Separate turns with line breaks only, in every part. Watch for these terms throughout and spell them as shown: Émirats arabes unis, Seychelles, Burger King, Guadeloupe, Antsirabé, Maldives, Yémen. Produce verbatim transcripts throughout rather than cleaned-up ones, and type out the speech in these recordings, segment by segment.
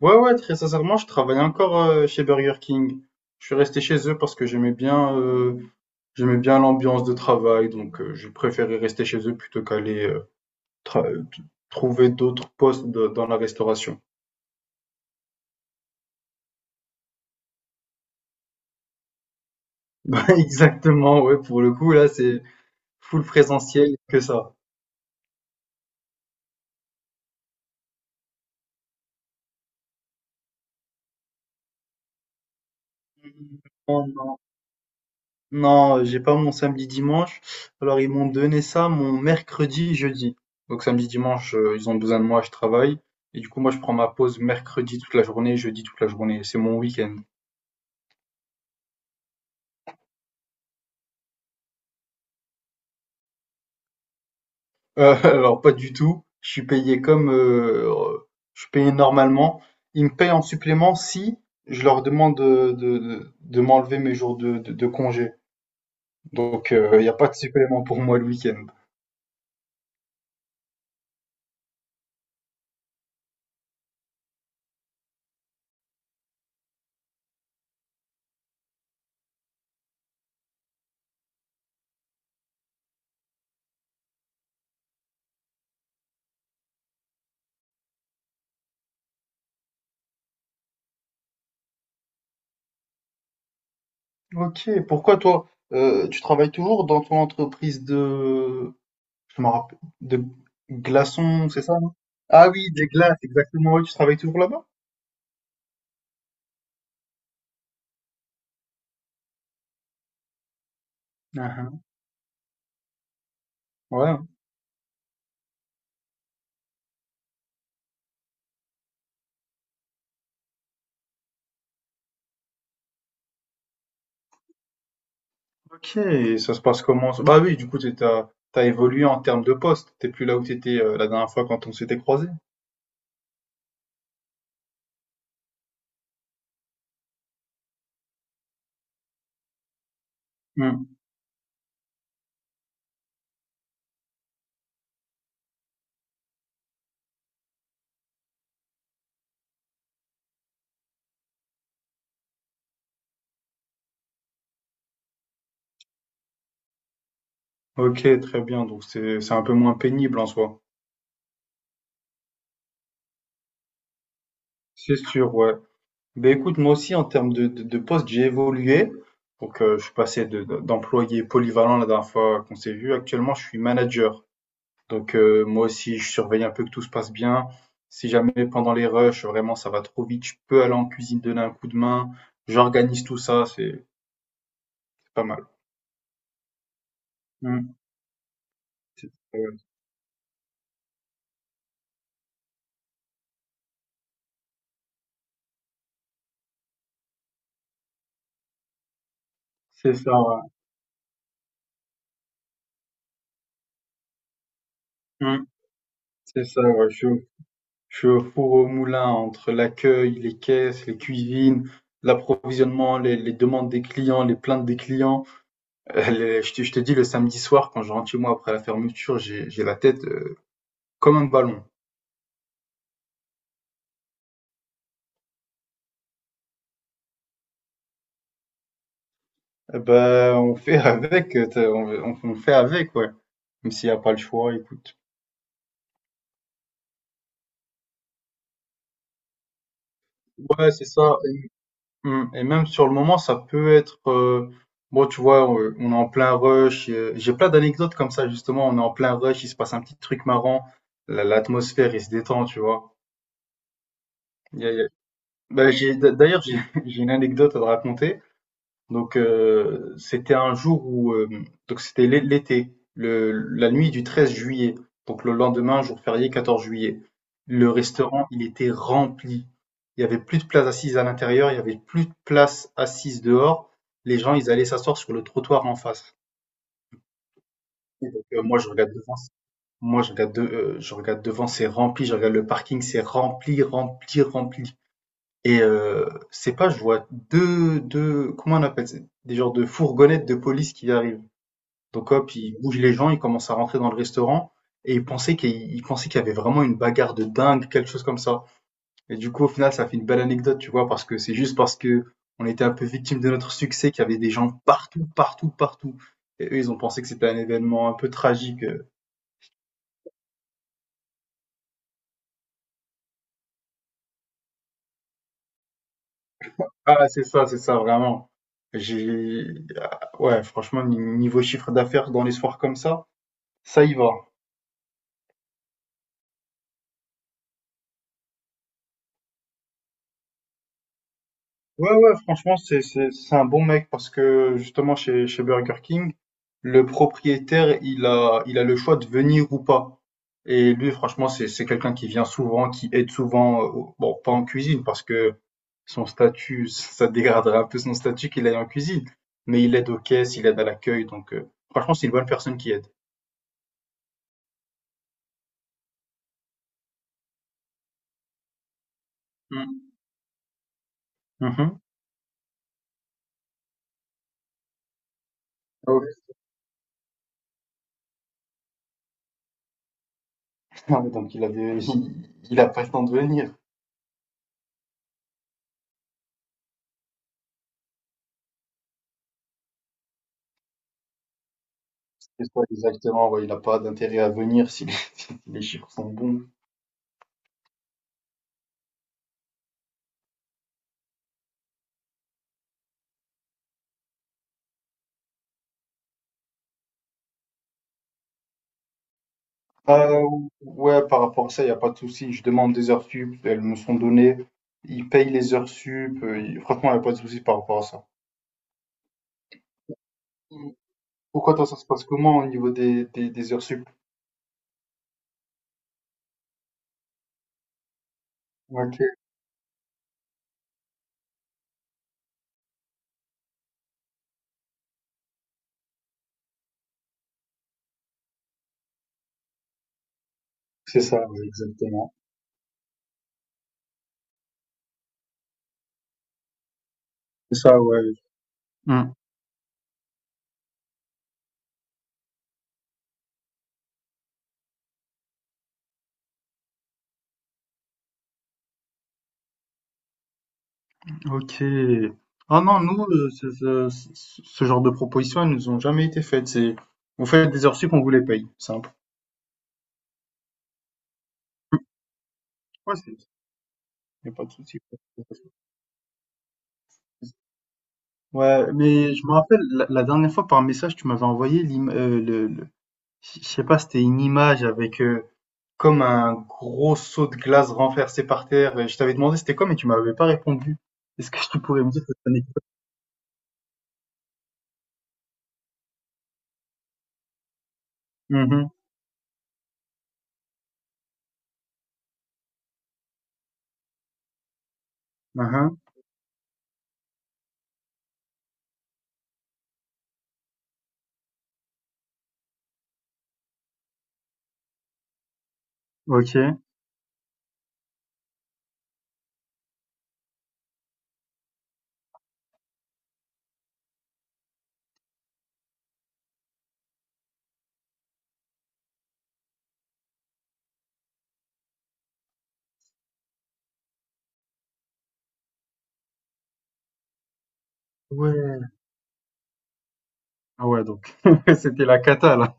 Ouais, ouais, très sincèrement, je travaillais encore euh, chez Burger King. Je suis resté chez eux parce que j'aimais bien, euh, j'aimais bien l'ambiance de travail, donc euh, je préférais rester chez eux plutôt qu'aller euh, tra- euh, t- trouver d'autres postes de- dans la restauration. Bah, exactement, ouais, pour le coup, là, c'est full présentiel que ça. Non, euh, j'ai pas mon samedi-dimanche. Alors, ils m'ont donné ça mon mercredi, jeudi. Donc, samedi-dimanche, heu, ils ont besoin de moi, je travaille. Et du coup, moi, je prends ma pause mercredi toute la journée, jeudi toute la journée. C'est mon week-end. Heu, alors, pas du tout. Je suis payé comme, heu, je suis payé normalement. Ils me payent en supplément si je leur demande de de de de m'enlever mes jours de de de congé. Donc, euh, il y a pas de supplément pour moi le week-end. OK. Pourquoi toi, heu, tu travailles toujours dans ton entreprise de Je me rappelle. De glaçons, c'est ça, non? Ah oui, des glaces, exactement. Ouais, tu travailles toujours là-bas? Ah, ah. Ouais. Ok, et ça se passe comment? Ça bah oui, du coup, t'es- t'as, t'as évolué en termes de poste. T'es plus là où t'étais euh, la dernière fois quand on s'était croisés. Hmm. Ok, très bien. Donc c'est, c'est un peu moins pénible en soi. C'est sûr, ouais. Ben écoute, moi aussi, en termes de, de, de poste, j'ai évolué. Donc euh, je suis passé de, de- d'employé polyvalent la dernière fois qu'on s'est vu. Actuellement, je suis manager. Donc heu, moi aussi, je surveille un peu que tout se passe bien. Si jamais pendant les rushs, vraiment ça va trop vite, je peux aller en cuisine donner un coup de main. J'organise tout ça, c'est c'est pas mal. Mmh, c'est ça, ouais. C'est ça, ouais. Mmh, c'est ça, ouais. Je suis au je suis au four au moulin entre l'accueil, les caisses, les cuisines, l'approvisionnement, les les demandes des clients, les plaintes des clients. Heu, les je te je te dis le samedi soir quand je rentre chez moi après la fermeture, j'ai j'ai la tête, heu, comme un ballon. Eh bah, on fait avec, heu, tu on on on fait avec, ouais. Même s'il n'y a pas le choix, écoute. Ouais, c'est ça. Et, mm, et même sur le moment, ça peut être. Euh, bon, tu vois, euh, on est en plein rush. euh, J'ai plein d'anecdotes comme ça, justement. On est en plein rush, il se passe un petit truc marrant. la- L'atmosphère, il se détend, tu vois. Il y a- il y a- Bah, j'ai- d'ailleurs, j'ai j'ai une anecdote à te raconter. Donc euh, c'était un jour où euh, donc c'était l'é- l'été, le, la nuit du treize juillet. Donc le lendemain, jour férié, quatorze juillet. Le restaurant, il était rempli. Il y avait plus de place assise à l'intérieur, il y avait plus de place assise dehors. Les gens, ils allaient s'asseoir sur le trottoir en face. Et donc, euh, moi, je regarde devant, moi, je regarde, de- euh, je regarde devant, c'est rempli. Je regarde le parking, c'est rempli, rempli, rempli. Et euh, c'est pas, je vois deux, deux, comment on appelle ça? Des genres de fourgonnettes de police qui arrivent. Donc hop, il bouge les gens, il commence à rentrer dans le restaurant et il pensait qu'il il pensait qu'il y avait vraiment une bagarre de dingue, quelque chose comme ça. Et du coup, au final, ça fait une belle anecdote, tu vois, parce que c'est juste parce que on était un peu victime de notre succès qu'il y avait des gens partout, partout, partout. Et eux, ils ont pensé que c'était un événement un peu tragique. Ah, c'est ça, c'est ça, vraiment. J'ai, ah, ouais, franchement, ni- niveau chiffre d'affaires dans les soirs comme ça, ça y va. Ouais, ouais, franchement, c'est, c'est, c'est un bon mec parce que justement, chez, chez Burger King, le propriétaire, il a, il a le choix de venir ou pas. Et lui, franchement, c'est, c'est quelqu'un qui vient souvent, qui aide souvent, euh, au- bon, pas en cuisine parce que son statut, ça dégraderait un peu son statut qu'il aille en cuisine. Mais il aide aux caisses, il aide à l'accueil, donc euh, franchement, c'est une bonne personne qui aide. Mm. Mhm. Ah ouais. Ah ouais, donc il avait, il, il a pas le temps de venir. C'est quoi exactement? Ouais, il a pas d'intérêt à venir si les, si les chiffres sont bons. Euh, ouais, par rapport à ça, il n'y a pas de souci. Je demande des heures sup, elles me sont données. Ils payent les heures sup. euh, y- Franchement, il n'y a pas de souci par rapport à ça. Pourquoi toi, ça se passe comment au niveau des, des, des heures sup? Ok, c'est ça, ouais, exactement. C'est ça, ouais. Hmm, ok. Ah non, nous, euh, ce, ce- ce- ce genre de propositions, elles nous ont jamais été faites. C'est, vous faites des heures sup, on vous les paye. Simple. Ouais, c'est, y a pas de souci. Ouais, mais je me rappelle, la, la dernière fois par message, tu m'avais envoyé l'im- euh, le, le- Je je sais pas, c'était une image avec, heu, comme un gros seau de glace renversé par terre et je t'avais demandé c'était quoi, mais tu m'avais pas répondu. Est-ce que tu pourrais me dire cette anecdote? Mmh. Mhm. Hein hein. OK. Ouais. Ah ouais, donc c'était la cata, là.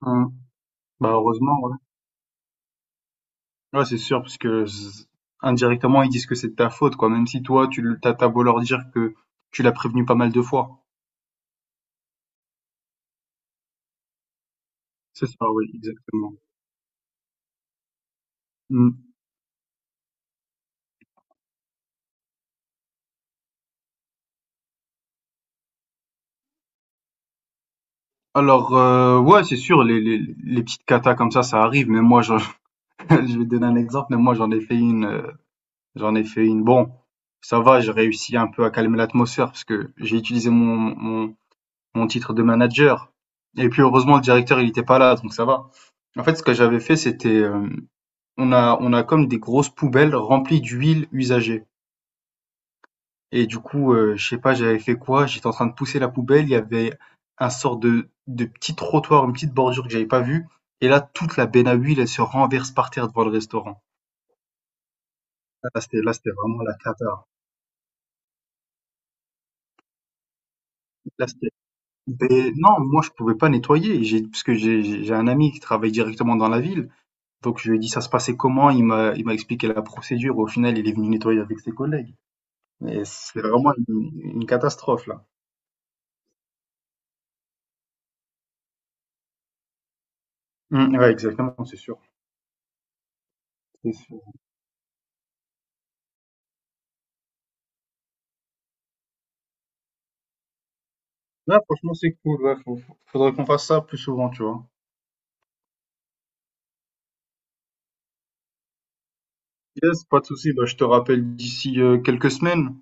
Mmh. Bah, heureusement, ouais. Ouais, c'est sûr, parce que z indirectement, ils disent que c'est de ta faute, quoi, même si toi, tu le tu as beau leur dire que tu l'as prévenu pas mal de fois. C'est ça, oui, exactement. Mmh. Alors, heu, ouais, c'est sûr, les les les petites catas comme ça, ça arrive, mais moi, j'en je vais te donner un exemple, mais moi j'en ai fait une, euh, j'en ai fait une. Bon, ça va, j'ai réussi un peu à calmer l'atmosphère parce que j'ai utilisé mon, mon, mon titre de manager. Et puis heureusement le directeur il était pas là, donc ça va. En fait, ce que j'avais fait, c'était, euh, on a, on a comme des grosses poubelles remplies d'huile usagée. Et du coup, euh, je sais pas, j'avais fait quoi? J'étais en train de pousser la poubelle, il y avait un sort de, de petit trottoir, une petite bordure que j'avais pas vue. Et là, toute la benne à huile, elle se renverse par terre devant le restaurant. Là, c'était, là, c'était vraiment la cata. La sté Beh, non, moi je pouvais pas nettoyer, j'ai parce que j'ai j'ai j'ai un ami qui travaille directement dans la ville, donc je lui ai dit ça se passait comment, il m'a il m'a expliqué la procédure, au final il est venu nettoyer avec ses collègues. Mais c'est vraiment une une catastrophe là. Mmh, ouais, exactement, c'est sûr, c'est sûr. Ouais, franchement c'est cool, ouais, faut faut faudrait qu'on fasse ça plus souvent, tu vois? Yes, pas de souci, bah, je te rappelle d'ici, heu, quelques semaines.